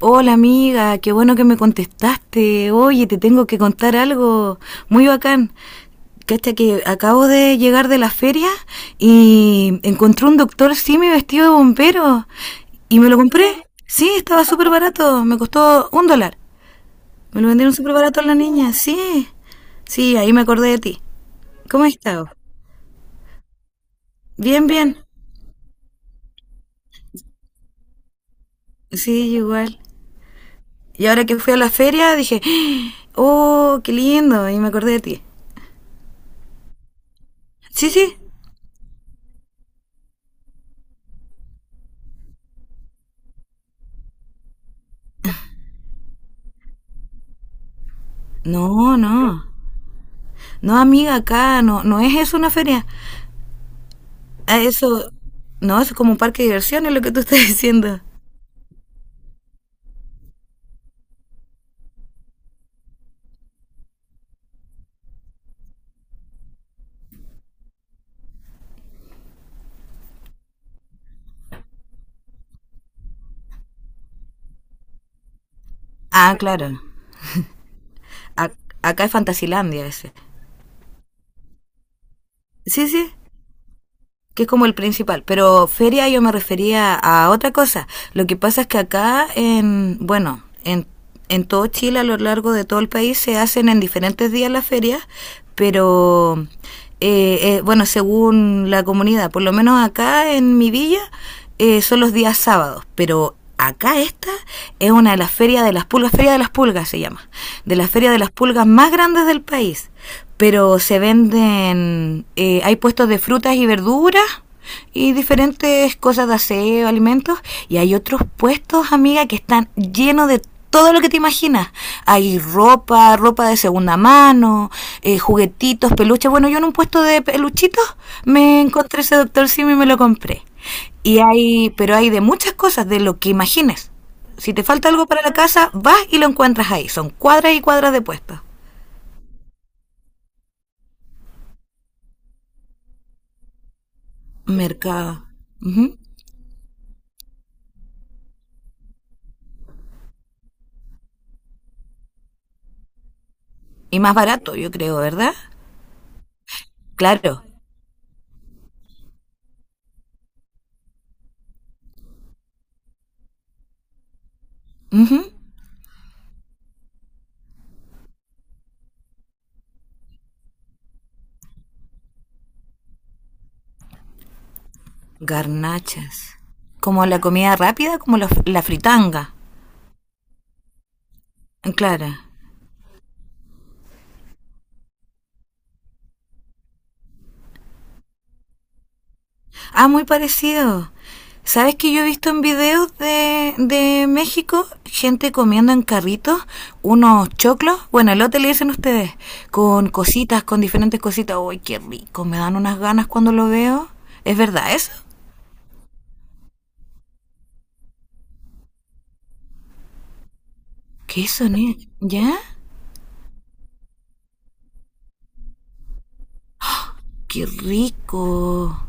Hola amiga, qué bueno que me contestaste. Oye, te tengo que contar algo muy bacán. Cacha que acabo de llegar de la feria y encontré un doctor Simi vestido de bombero y me lo compré. Sí, estaba súper barato, me costó $1. Me lo vendieron súper barato a la niña, sí. Sí, ahí me acordé de ti. ¿Cómo has estado? Bien, bien. Sí, yo igual. Y ahora que fui a la feria dije, oh, qué lindo, y me acordé de ti. Sí, sí. No, no. No, amiga, acá no, no es eso una feria. Ah, eso, no, eso es como un parque de diversiones lo que tú estás diciendo. Ah, claro. Ac- Acá es Fantasilandia ese. Sí, sí, que es como el principal, pero feria yo me refería a otra cosa. Lo que pasa es que acá, en todo Chile, a lo largo de todo el país, se hacen en diferentes días las ferias, pero bueno, según la comunidad, por lo menos acá en mi villa, son los días sábados, pero acá esta es una de las ferias de las pulgas, Feria de las Pulgas se llama, de las ferias de las pulgas más grandes del país. Pero se venden, hay puestos de frutas y verduras y diferentes cosas de aseo, alimentos, y hay otros puestos, amiga, que están llenos de todo lo que te imaginas. Hay ropa, ropa de segunda mano, juguetitos, peluches. Bueno, yo en un puesto de peluchitos me encontré ese doctor Simi y me lo compré. Y hay, pero hay de muchas cosas, de lo que imagines. Si te falta algo para la casa, vas y lo encuentras ahí. Son cuadras y cuadras de puestos. Mercado. Ujú. Y más barato, yo creo, ¿verdad? Claro. Ujú. Garnachas. Como la comida rápida, como la fritanga. Claro. Ah, muy parecido. ¿Sabes que yo he visto en videos de México gente comiendo en carritos unos choclos? Bueno, elote le dicen ustedes, con cositas, con diferentes cositas. ¡Uy, qué rico! Me dan unas ganas cuando lo veo. ¿Es verdad eso? ¿Qué son? ¿Ya? ¡Qué rico!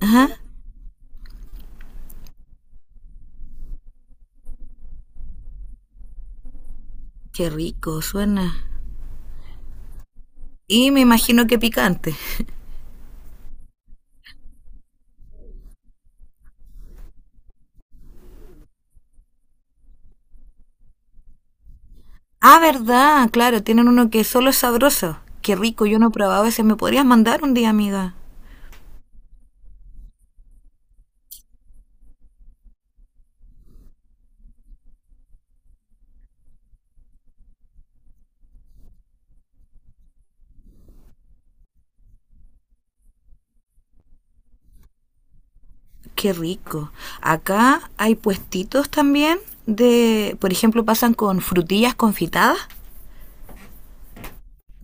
Ajá, qué rico, suena. Y me imagino que picante. Ah, ¿verdad? Claro, tienen uno que solo es sabroso. ¡Qué rico! Yo no he probado ese. ¿Me podrías mandar un día, amiga? Qué rico. Acá hay puestitos también de, por ejemplo, pasan con frutillas confitadas.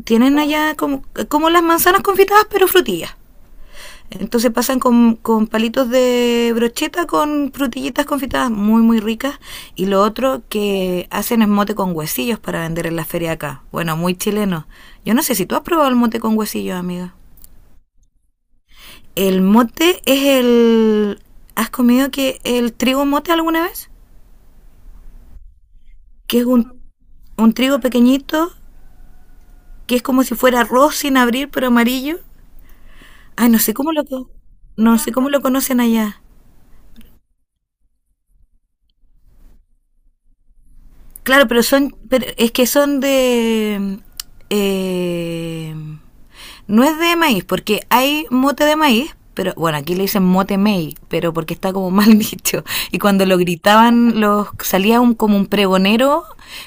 Tienen allá como, como las manzanas confitadas, pero frutillas. Entonces pasan con palitos de brocheta con frutillitas confitadas muy, muy ricas. Y lo otro que hacen es mote con huesillos para vender en la feria acá. Bueno, muy chileno. Yo no sé si tú has probado el mote con huesillos, amiga. El mote es el... ¿Has comido que el trigo mote alguna vez? Que es un trigo pequeñito, que es como si fuera arroz sin abrir, pero amarillo. Ay, no sé cómo lo, no sé cómo lo conocen allá. Claro, pero son, pero es que son de, eh, no es de maíz, porque hay mote de maíz, pero bueno, aquí le dicen mote mei, pero porque está como mal dicho. Y cuando lo gritaban, los salía un, como un pregonero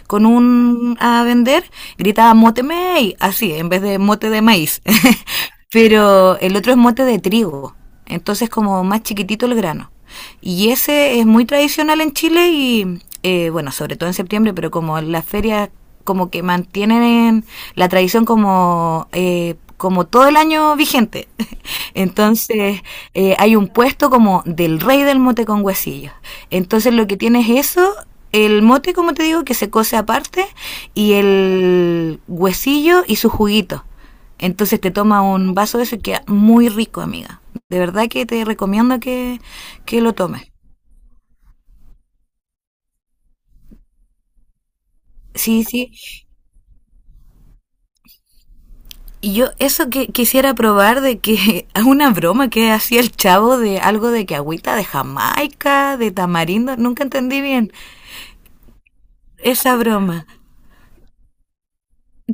con un a vender, gritaba mote mei, así, en vez de mote de maíz. Pero el otro es mote de trigo. Entonces como más chiquitito el grano. Y ese es muy tradicional en Chile y, bueno, sobre todo en septiembre, pero como las ferias como que mantienen la tradición como... como todo el año vigente. Entonces, hay un puesto como del rey del mote con huesillos. Entonces, lo que tienes es eso, el mote, como te digo, que se cose aparte, y el huesillo y su juguito. Entonces te toma un vaso de eso y queda muy rico, amiga. De verdad que te recomiendo que lo tomes. Sí, sí. Y yo eso que quisiera probar de que una broma que hacía el chavo de algo de que agüita de Jamaica, de tamarindo, nunca entendí bien esa broma.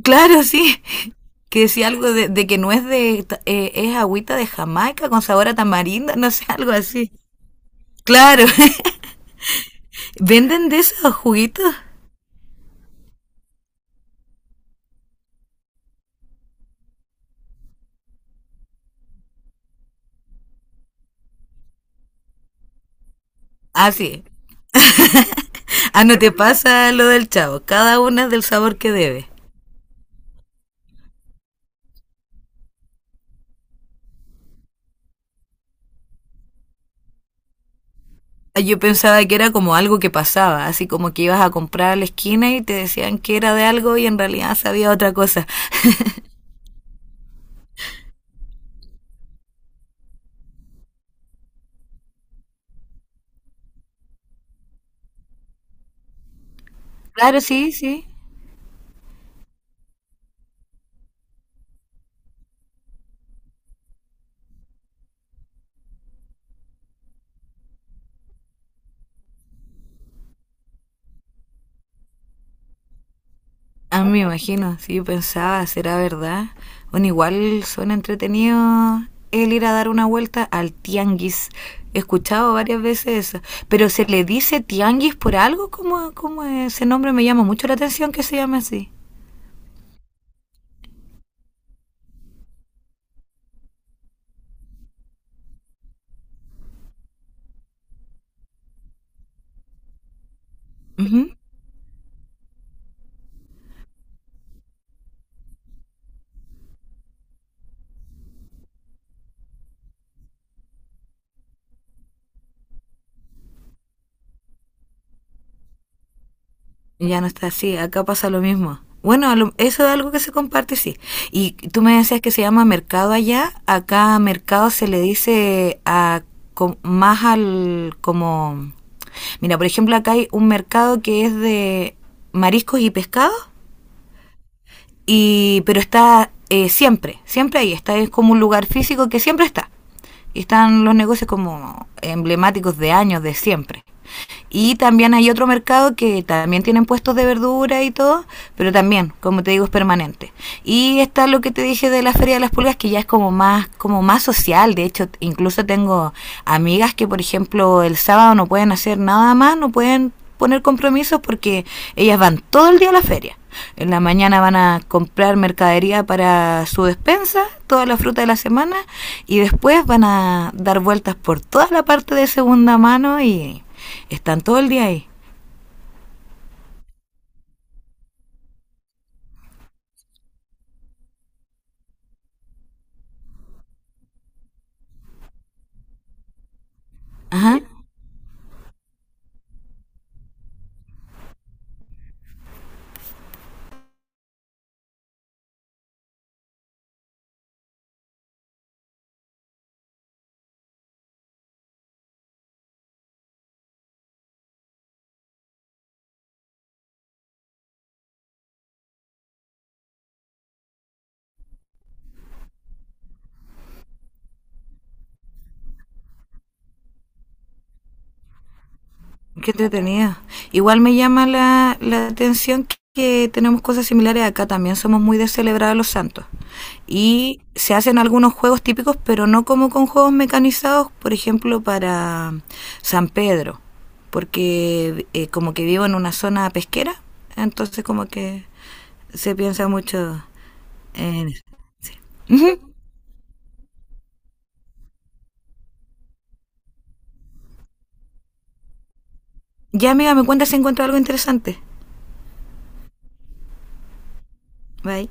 Claro, sí. Que decía algo de que no es de, es agüita de Jamaica con sabor a tamarindo, no sé, algo así. Claro. ¿Venden de esos juguitos? Ah, sí. Ah, no te pasa lo del chavo. Cada una es del sabor que debe. Ah, yo pensaba que era como algo que pasaba, así como que ibas a comprar a la esquina y te decían que era de algo y en realidad sabía otra cosa. Claro, sí, sí. Ah, me imagino. Sí, yo pensaba, ¿será verdad? Bueno, igual suena entretenido el ir a dar una vuelta al tianguis. He escuchado varias veces eso. Pero ¿se le dice tianguis por algo? ¿Como ese nombre me llama mucho la atención que se llame así? Ujú. Ya no está así, acá pasa lo mismo. Bueno, eso es algo que se comparte, sí. Y tú me decías que se llama mercado allá, acá mercado se le dice a, más al como... Mira, por ejemplo, acá hay un mercado que es de mariscos y pescados, y, pero está siempre, siempre ahí, está, es como un lugar físico que siempre está. Y están los negocios como emblemáticos de años, de siempre. Y también hay otro mercado que también tienen puestos de verdura y todo, pero también, como te digo, es permanente. Y está lo que te dije de la Feria de las Pulgas, que ya es como más social. De hecho, incluso tengo amigas que, por ejemplo, el sábado no pueden hacer nada más, no pueden poner compromisos porque ellas van todo el día a la feria. En la mañana van a comprar mercadería para su despensa, toda la fruta de la semana, y después van a dar vueltas por toda la parte de segunda mano y están todo el día ahí. Ajá. Qué entretenido. Igual me llama la atención que tenemos cosas similares acá. También somos muy de celebrar a los santos. Y se hacen algunos juegos típicos, pero no como con juegos mecanizados, por ejemplo, para San Pedro. Porque como que vivo en una zona pesquera, entonces como que se piensa mucho en eso. Ujú. Ya, amiga, me cuenta si encuentro algo interesante. Bye.